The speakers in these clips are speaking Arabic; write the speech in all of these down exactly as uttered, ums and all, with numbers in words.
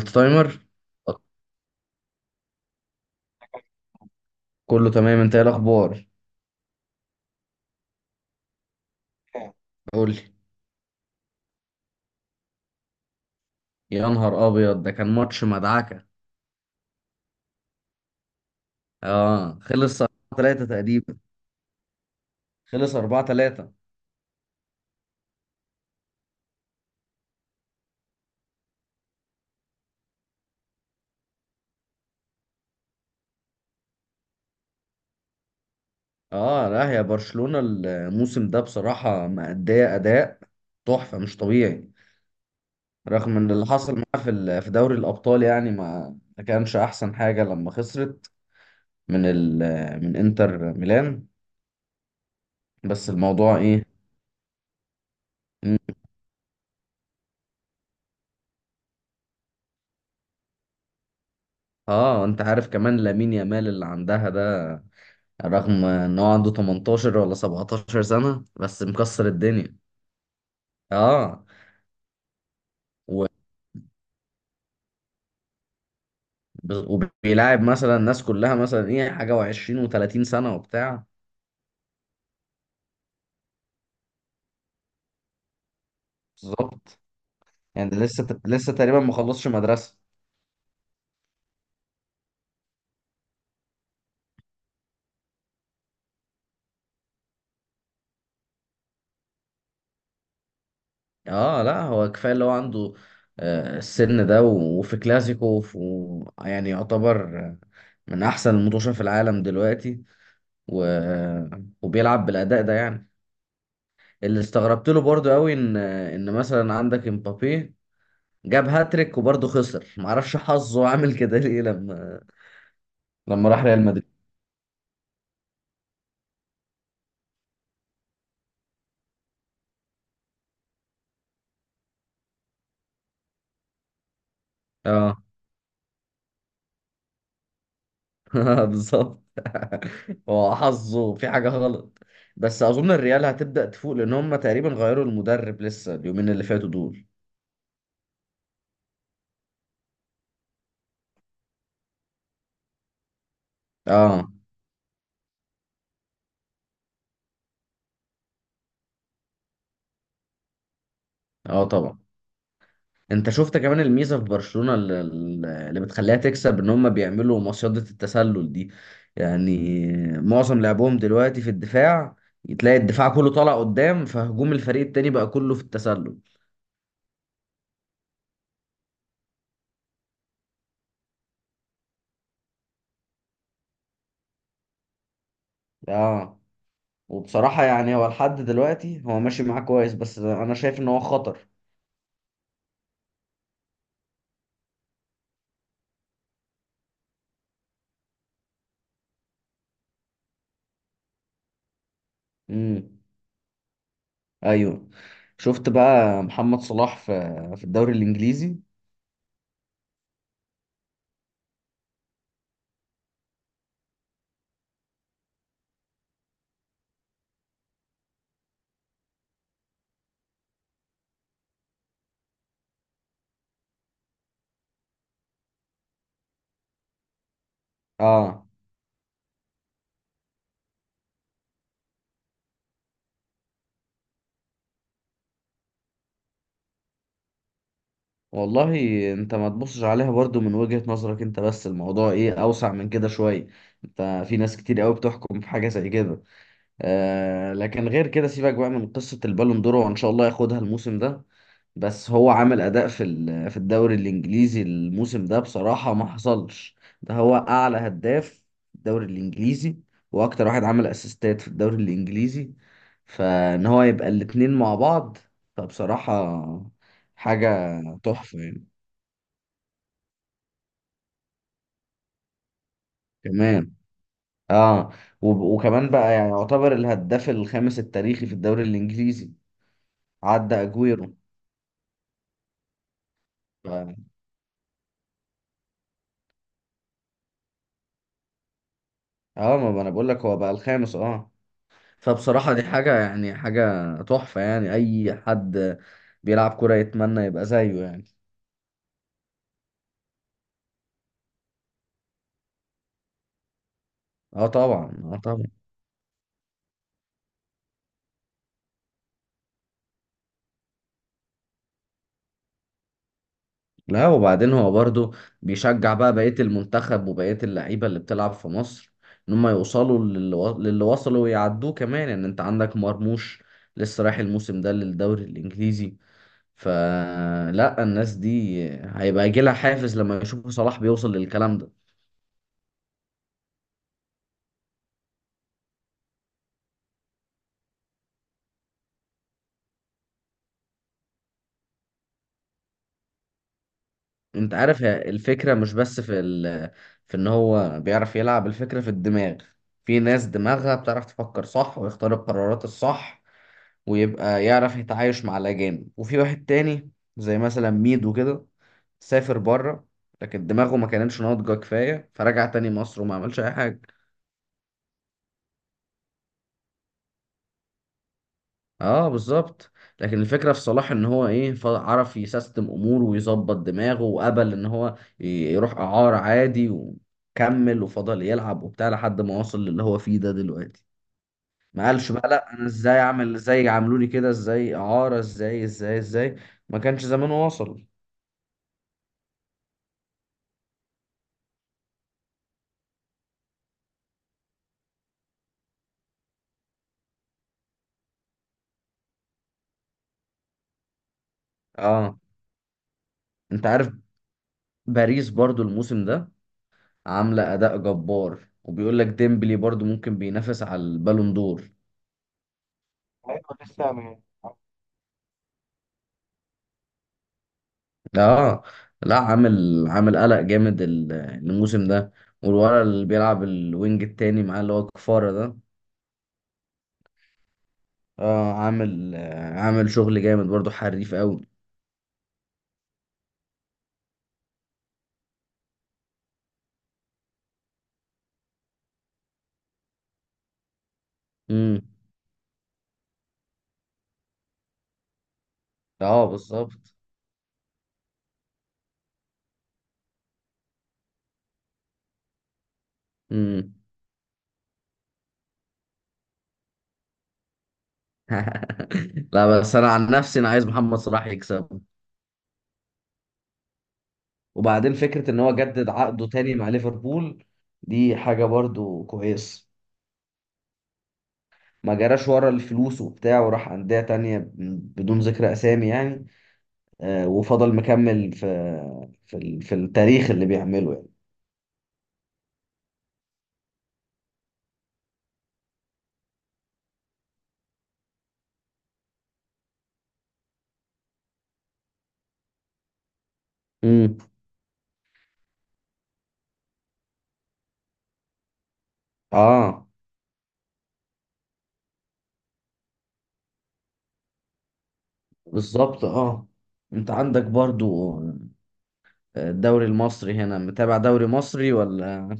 التايمر. كله تمام، انت ايه الاخبار؟ اه، قول لي. يا نهار ابيض، ده كان ماتش مدعكه. اه، خلص اربعه 3 تقريبا. خلص اربعة 3. اه لا، يا برشلونه الموسم ده بصراحه مأديه اداء تحفه مش طبيعي. رغم ان اللي حصل معاها في ال- في دوري الابطال يعني ما ما كانش احسن حاجه لما خسرت من ال من انتر ميلان. بس الموضوع ايه؟ اه، انت عارف كمان لامين يامال اللي عندها ده، رغم ان هو عنده تمنتاشر ولا 17 سنة بس مكسر الدنيا. اه. و- وبيلاعب مثلا الناس كلها مثلا ايه حاجة وعشرين وتلاتين سنة وبتاع. بالظبط يعني. لسه لسه تقريبا ما خلصش مدرسة. اه لا، هو كفاية اللي هو عنده. آه، السن ده و- وفي كلاسيكو وفي- و... يعني يعتبر آه، من احسن المطوشة في العالم دلوقتي. و... وبيلعب بالاداء ده يعني. اللي استغربت له برضو قوي، ان ان مثلا عندك امبابي جاب هاتريك وبرضه خسر. معرفش حظه عامل كده ليه لما لما راح ريال مدريد. اه. بالظبط. هو حظه في حاجة غلط. بس أظن الريال هتبدأ تفوق لأن هم تقريبا غيروا المدرب لسه اليومين اللي فاتوا دول. اه. اه طبعا. انت شفت كمان الميزة في برشلونة اللي، اللي بتخليها تكسب، ان هم بيعملوا مصيدة التسلل دي يعني. معظم لعبهم دلوقتي في الدفاع، تلاقي الدفاع كله طالع قدام فهجوم الفريق التاني بقى كله في التسلل. اه. وبصراحة يعني هو لحد دلوقتي هو ماشي معاه كويس، بس انا شايف ان هو خطر. امم ايوه. شفت بقى محمد صلاح في في الدوري الانجليزي؟ اه. والله، انت ما تبصش عليها برضو من وجهة نظرك انت، بس الموضوع ايه اوسع من كده شوية. انت في ناس كتير قوي بتحكم في حاجة زي كده. آه، لكن غير كده سيبك بقى من قصة البالون دور، وان شاء الله ياخدها الموسم ده. بس هو عمل اداء في ال- في الدوري الانجليزي الموسم ده بصراحه ما حصلش. ده هو اعلى هداف في الدوري الانجليزي، واكتر واحد عمل اسيستات في الدوري الانجليزي، فان هو يبقى الاتنين مع بعض فبصراحه حاجه تحفه يعني. كمان. اه. وب- وكمان بقى يعني يعتبر الهداف الخامس التاريخي في الدوري الانجليزي. عدى اجويرو. ف- اه، ما ما انا بقول لك هو بقى الخامس. اه. فبصراحة دي حاجة يعني حاجة تحفة يعني. أي حد بيلعب كورة يتمنى يبقى زيه يعني. اه طبعا، اه طبعا. لا وبعدين هو برضو بيشجع بقى بقية المنتخب وبقية اللعيبة اللي بتلعب في مصر، إن هم يوصلوا للي و- للي وصلوا ويعدوه كمان. يعني أنت عندك مرموش لسه رايح الموسم ده للدوري الإنجليزي، فلا الناس دي هيبقى يجيلها حافز لما يشوفوا صلاح بيوصل للكلام ده. انت عارف، هي الفكرة مش بس في ال... في ان هو بيعرف يلعب، الفكرة في الدماغ. في ناس دماغها بتعرف تفكر صح ويختار القرارات الصح، ويبقى يعرف يتعايش مع الأجانب. وفي واحد تاني زي مثلا ميدو كده سافر بره، لكن دماغه ما كانتش ناضجة كفاية فرجع تاني مصر وما عملش أي حاجة. اه بالظبط. لكن الفكره في صلاح ان هو ايه، ف- عرف يسيستم اموره ويظبط دماغه، وقبل ان هو ي- يروح اعاره عادي وكمل وفضل يلعب وبتاع لحد ما وصل للي هو فيه ده دلوقتي. ما قالش بقى لا انا ازاي اعمل، ازاي عملوا لي كده، ازاي اعاره، ازاي ازاي ازاي. ما كانش زمانه وصل. اه. انت عارف باريس برضو الموسم ده عامله اداء جبار، وبيقول لك ديمبلي برضو ممكن بينافس على البالون دور. ايوه لسه. اه لا، عامل عامل قلق جامد ال- الموسم ده. والولد اللي بيلعب الوينج التاني معاه اللي هو كفارة ده. اه، عامل آه، عامل شغل جامد برضو، حريف قوي. امم اه بالظبط. امم لا بس انا عن نفسي انا عايز محمد صلاح يكسب. وبعدين فكرة ان هو جدد عقده تاني مع ليفربول دي حاجة برضو كويس. ما جراش ورا الفلوس وبتاع وراح أندية تانية بدون ذكر أسامي يعني. آه، وفضل مكمل في في ال- في التاريخ اللي بيعمله يعني. امم اه بالظبط اه. انت عندك برضو آه، الدوري المصري هنا، متابع دوري مصري ولا؟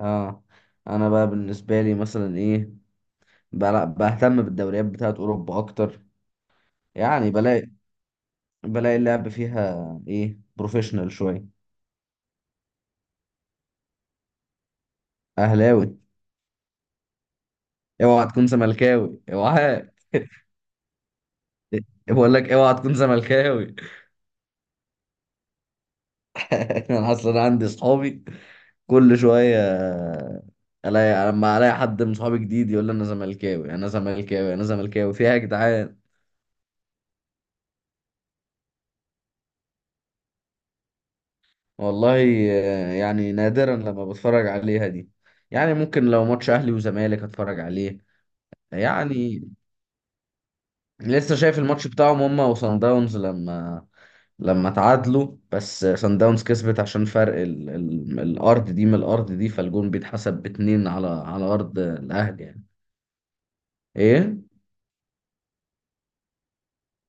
اه. انا بقى بالنسبه لي مثلا ايه، بلا- بهتم بالدوريات بتاعت اوروبا اكتر. يعني بلاقي بلاقي اللعب فيها ايه، بروفيشنال شويه. اهلاوي. اوعى تكون زملكاوي، اوعى. بقول لك اوعى تكون زملكاوي. انا اصلا عندي صحابي، كل شويه الاقي، لما الاقي حد من صحابي جديد يقول لي انا زملكاوي، انا زملكاوي، انا زملكاوي. فيها يا جدعان! والله، آه، يعني نادرا لما بتفرج عليها دي. يعني ممكن لو ماتش اهلي وزمالك اتفرج عليه. يعني لسه شايف الماتش بتاعهم هما وصن داونز لما لما تعادلوا، بس صن داونز كسبت عشان فرق ال... ال... الارض دي من الارض دي، فالجون بيتحسب باتنين على على ارض الاهلي يعني. ايه.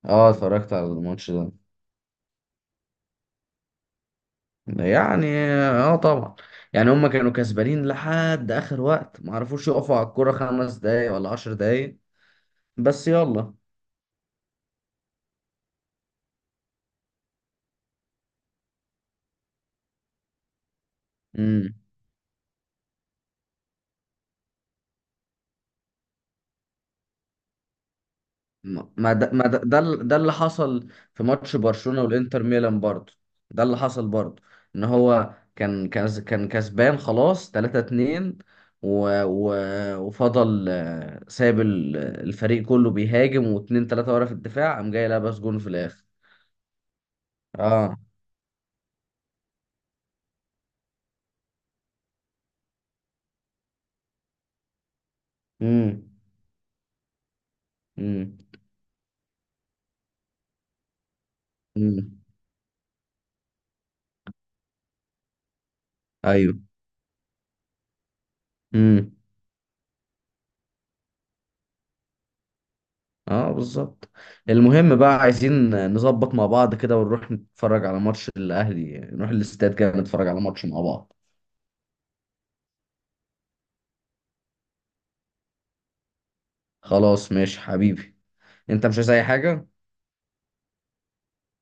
اه، اتفرجت على الماتش ده يعني. اه طبعا. يعني هم كانوا كسبانين لحد اخر وقت ما عرفوش يقفوا على الكرة خمس دقايق ولا عشر دقايق، بس يلا. امم ما ده ما ده ده, ال- ده اللي حصل في ماتش برشلونة والانتر ميلان برضه. ده اللي حصل برضه، ان هو كان كان كان كسبان خلاص تلاتة اتنين، و... و... وفضل آه، ساب ال- الفريق كله بيهاجم واتنين تلاتة ورا في الدفاع، قام جاي لابس جون في الاخر. اه. امم امم ايوه. امم اه بالظبط. المهم بقى عايزين نظبط مع بعض كده ونروح نتفرج على ماتش الاهلي، نروح الاستاد كده نتفرج على ماتش مع بعض. خلاص ماشي حبيبي. انت مش عايز اي حاجة؟